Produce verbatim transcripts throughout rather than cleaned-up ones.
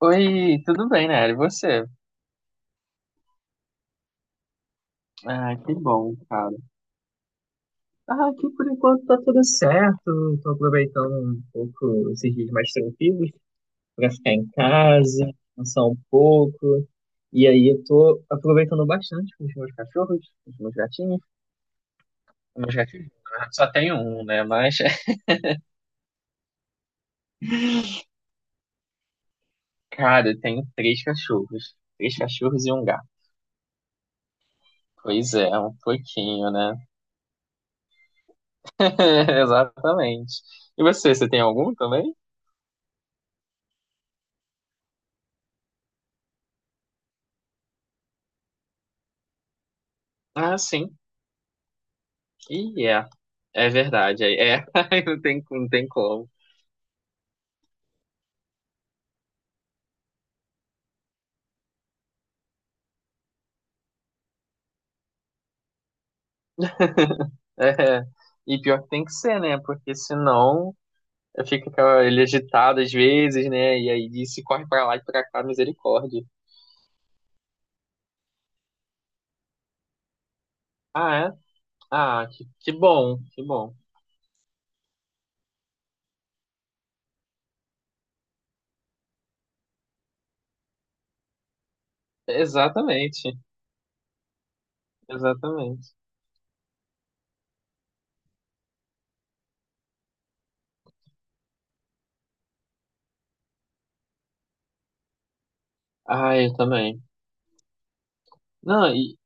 Oi, tudo bem, né? E você? Ah, que bom, cara. Ah, aqui por enquanto tá tudo certo. Tô aproveitando um pouco esses dias mais tranquilos pra ficar em casa, descansar um pouco. E aí eu tô aproveitando bastante com os meus cachorros, com os meus gatinhos. Os meus gatinhos, na verdade, só tenho um, né? Mas, cara, eu tenho três cachorros. Três cachorros e um gato. Pois é, um pouquinho, né? Exatamente. E você, você tem algum também? Ah, sim. E é, é verdade, é, é. aí não tem, não tem como. É. é. E pior que tem que ser, né? Porque senão fica aquela- ele agitado às vezes, né? E aí se corre pra lá e pra cá, misericórdia. Ah, é? Ah, que, que bom, que bom. Exatamente, exatamente. Ah, eu também. Não, e,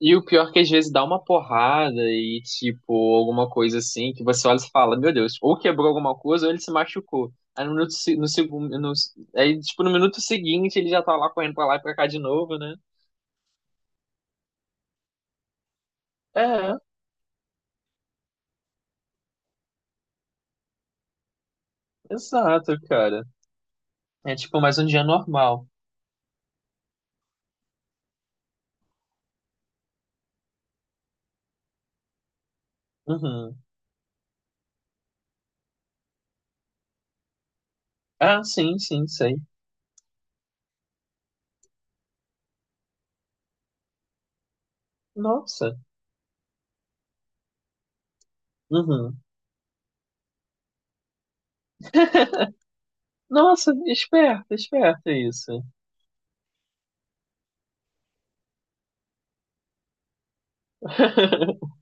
E o pior é que às vezes dá uma porrada e, tipo, alguma coisa assim, que você olha e fala, meu Deus, ou quebrou alguma coisa ou ele se machucou. Aí no minuto, se- no segundo, no, aí, tipo, no minuto seguinte ele já tá lá correndo pra lá e pra cá de novo, né? É, exato, cara. É tipo mais um dia normal. Uhum. Ah, sim, sim, sei. Nossa. Uhum. Nossa, esperto, esperto é isso.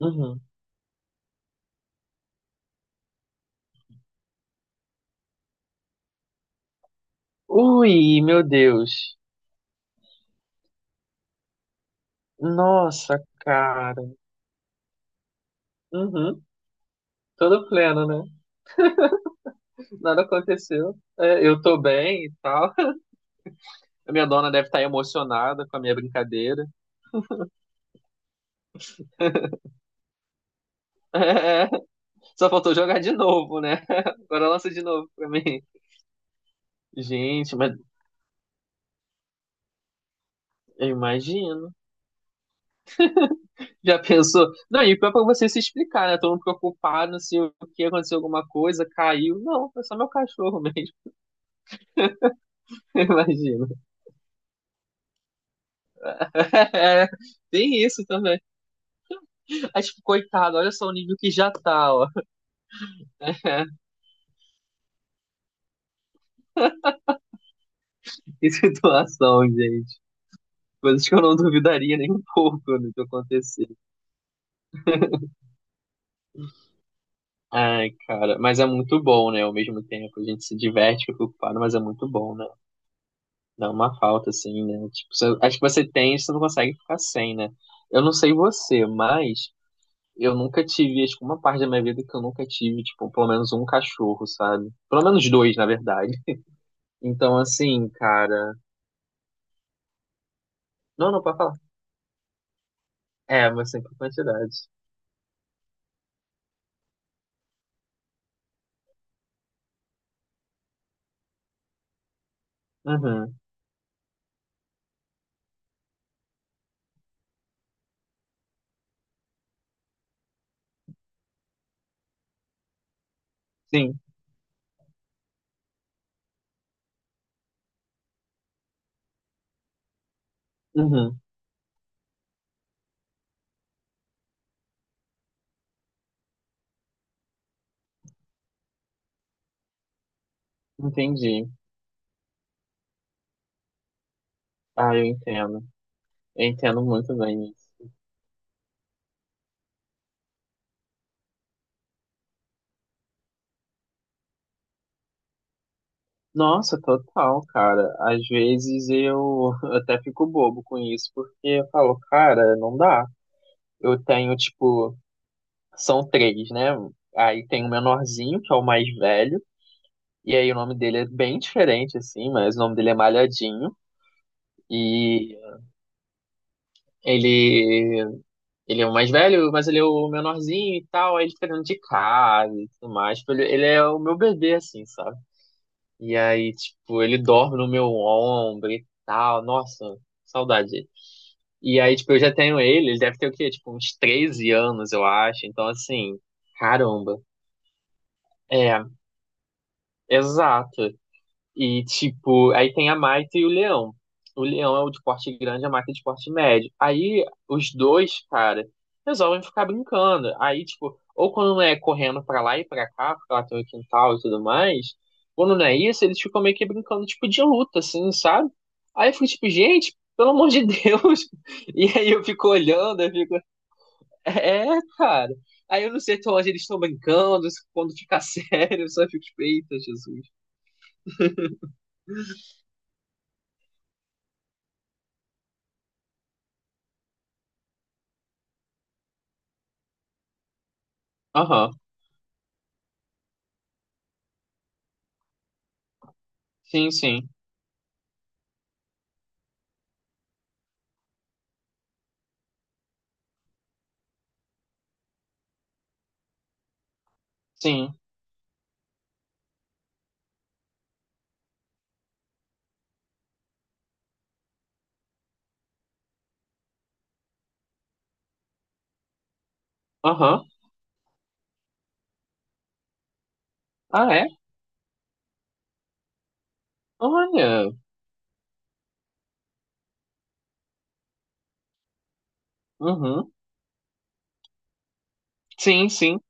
Uhum. Ui, meu Deus. Nossa, cara. Uhum. Todo pleno, né? Nada aconteceu. É, eu tô bem e tal. A minha dona deve estar emocionada com a minha brincadeira. É, só faltou jogar de novo, né? Agora lança de novo pra mim. Gente, mas eu imagino. Já pensou? Não, e pior é pra você se explicar, né? Todo mundo preocupado se o que aconteceu, alguma coisa, caiu. Não, foi só meu cachorro mesmo. Imagina. É, tem isso também. Mas, tipo, coitado, olha só o nível que já tá, ó. Que situação, gente. Coisas que eu não duvidaria nem um pouco do que acontecer. Ai, cara, mas é muito bom, né? Ao mesmo tempo, a gente se diverte, fica ocupado, mas é muito bom, né? Dá uma falta, assim, né? Tipo, você- acho que você tem, você não consegue ficar sem, né? Eu não sei você, mas eu nunca tive, acho que uma parte da minha vida que eu nunca tive, tipo, pelo menos um cachorro, sabe? Pelo menos dois, na verdade. Então, assim, cara. Não, não, pode falar. É, mas sempre quantidade. Uhum. Sim. Uhum. Entendi. Ah, eu entendo. Eu entendo muito bem isso. Nossa, total, cara. Às vezes eu até fico bobo com isso, porque eu falo, cara, não dá. Eu tenho, tipo, são três, né? Aí tem o menorzinho, que é o mais velho, e aí o nome dele é bem diferente, assim, mas o nome dele é Malhadinho. E ele, ele é o mais velho, mas ele é o menorzinho e tal, aí ele fica dentro de casa e tudo mais. Tipo, Ele, ele é o meu bebê, assim, sabe? E aí, tipo, ele dorme no meu ombro e tal. Nossa, saudade. E aí, tipo, eu já tenho ele, ele deve ter o quê? Tipo, uns treze anos, eu acho. Então, assim, caramba. É, exato. E, tipo, aí tem a Maita e o Leão. O Leão é o de porte grande, a Maita é de porte médio. Aí os dois, cara, resolvem ficar brincando. Aí, tipo, ou quando não é correndo pra lá e pra cá, porque lá tem o quintal e tudo mais, quando não é isso, eles ficam meio que brincando, tipo, de luta, assim, sabe? Aí eu fico, tipo, gente, pelo amor de Deus. E aí eu fico olhando, eu fico, é, cara. Aí eu não sei até onde eles estão brincando, quando fica sério, eu só fico, tipo, eita, Jesus. Aham, sim, sim. Sim. Aham. Ah, é? Olha. Uhum. Sim, sim.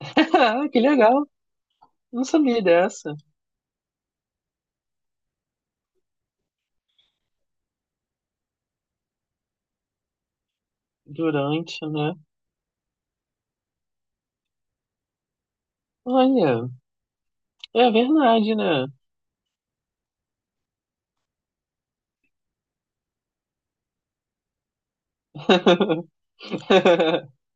Que legal. Não sabia dessa. Durante, né? Olha, é verdade, né?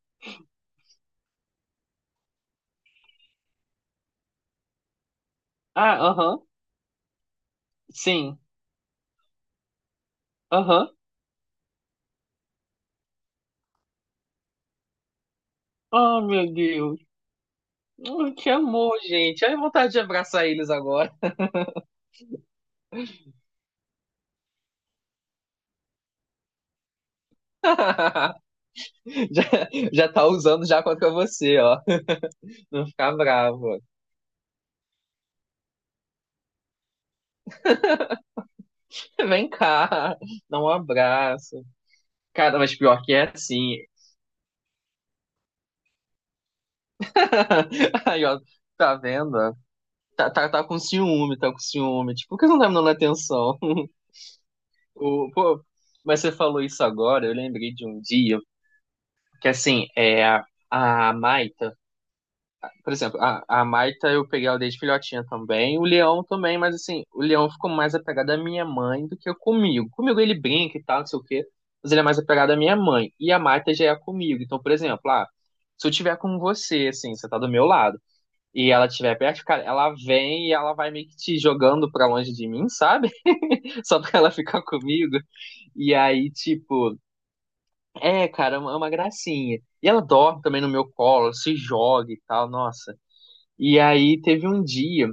Ah, aham. Sim. Aham. Oh, meu Deus. Oh, que amor, gente. Ai, vontade de abraçar eles agora. Já, já tá usando já contra você, ó. Não ficar bravo. Vem cá. Dá um abraço. Cara, mas pior que é assim. Aí, ó, tá vendo? Tá, tá, tá com ciúme, tá com ciúme. Tipo, por que você não tá me dando atenção? O, pô, mas você falou isso agora, eu lembrei de um dia que, assim, é, a, a Maita, por exemplo, a, a Maita eu peguei ela desde filhotinha também, o Leão também, mas, assim, o Leão ficou mais apegado à minha mãe do que comigo. Comigo ele brinca e tal, não sei o quê, mas ele é mais apegado à minha mãe. E a Maita já é comigo. Então, por exemplo, ah, se eu tiver com você, assim, você tá do meu lado. E ela estiver perto, cara, ela vem e ela vai meio que te jogando pra longe de mim, sabe? Só pra ela ficar comigo. E aí, tipo, é, cara, é uma é uma gracinha. E ela dorme também no meu colo, se joga e tal, nossa. E aí teve um dia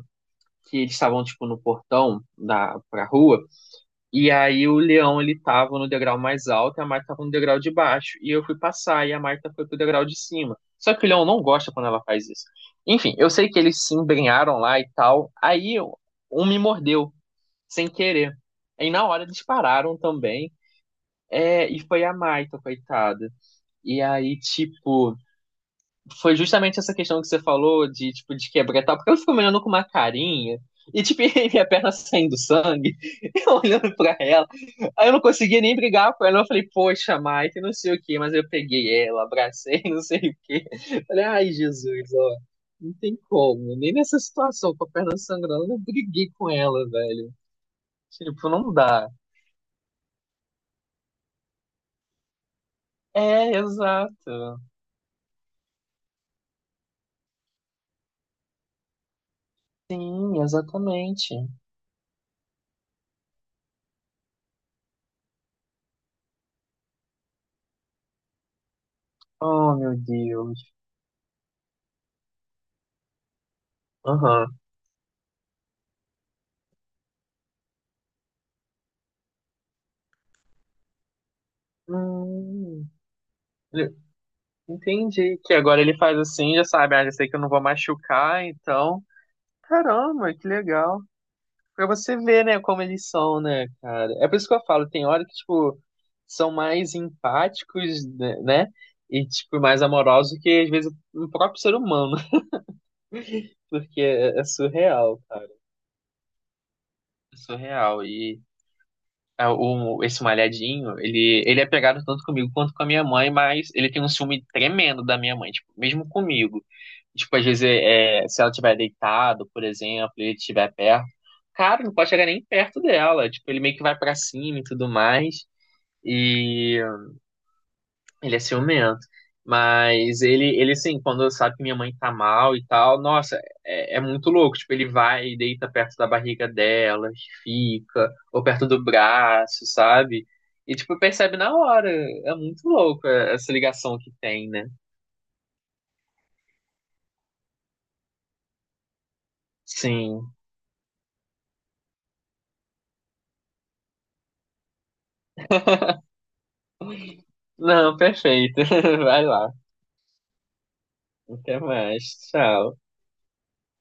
que eles estavam, tipo, no portão da, pra rua. E aí o leão ele tava no degrau mais alto e a Marta tava no degrau de baixo. E eu fui passar e a Marta foi pro degrau de cima. Só que o leão não gosta quando ela faz isso. Enfim, eu sei que eles se embrenharam lá e tal. Aí eu- um me mordeu, sem querer. Aí na hora eles pararam também. É, e foi a Marta, coitada. E aí, tipo, foi justamente essa questão que você falou de, tipo, de quebrar e tal, porque ela ficou me olhando com uma carinha, e, tipo, minha perna saindo sangue, eu olhando pra ela. Aí eu não conseguia nem brigar com ela, eu falei, poxa, Mike, não sei o quê, mas eu peguei ela, abracei, não sei o quê. Falei, ai, Jesus, ó, não tem como, nem nessa situação, com a perna sangrando, eu briguei com ela, velho. Tipo, não dá. É, exato. Sim, exatamente. Oh, meu Deus. Aham. Hum. Entendi. Que agora ele faz assim, já sabe, ah, já sei que eu não vou machucar, então. Caramba, que legal. Pra você ver, né, como eles são, né, cara? É por isso que eu falo, tem hora que, tipo, são mais empáticos, né? né? E, tipo, mais amorosos que, às vezes, o próprio ser humano. Porque é, é surreal, cara. É surreal. E é, o, esse malhadinho, ele, ele é pegado tanto comigo quanto com a minha mãe, mas ele tem um ciúme tremendo da minha mãe, tipo, mesmo comigo. Tipo, às vezes, é, é, se ela estiver deitado, por exemplo, e ele estiver perto, cara, não pode chegar nem perto dela. Tipo, ele meio que vai pra cima e tudo mais. E ele é ciumento. Mas ele, ele assim, quando sabe que minha mãe tá mal e tal, nossa, é, é muito louco. Tipo, ele vai e deita perto da barriga dela, fica, ou perto do braço, sabe? E, tipo, percebe na hora. É muito louco é, essa ligação que tem, né? Sim. Não, perfeito. Vai lá. Até mais. Tchau.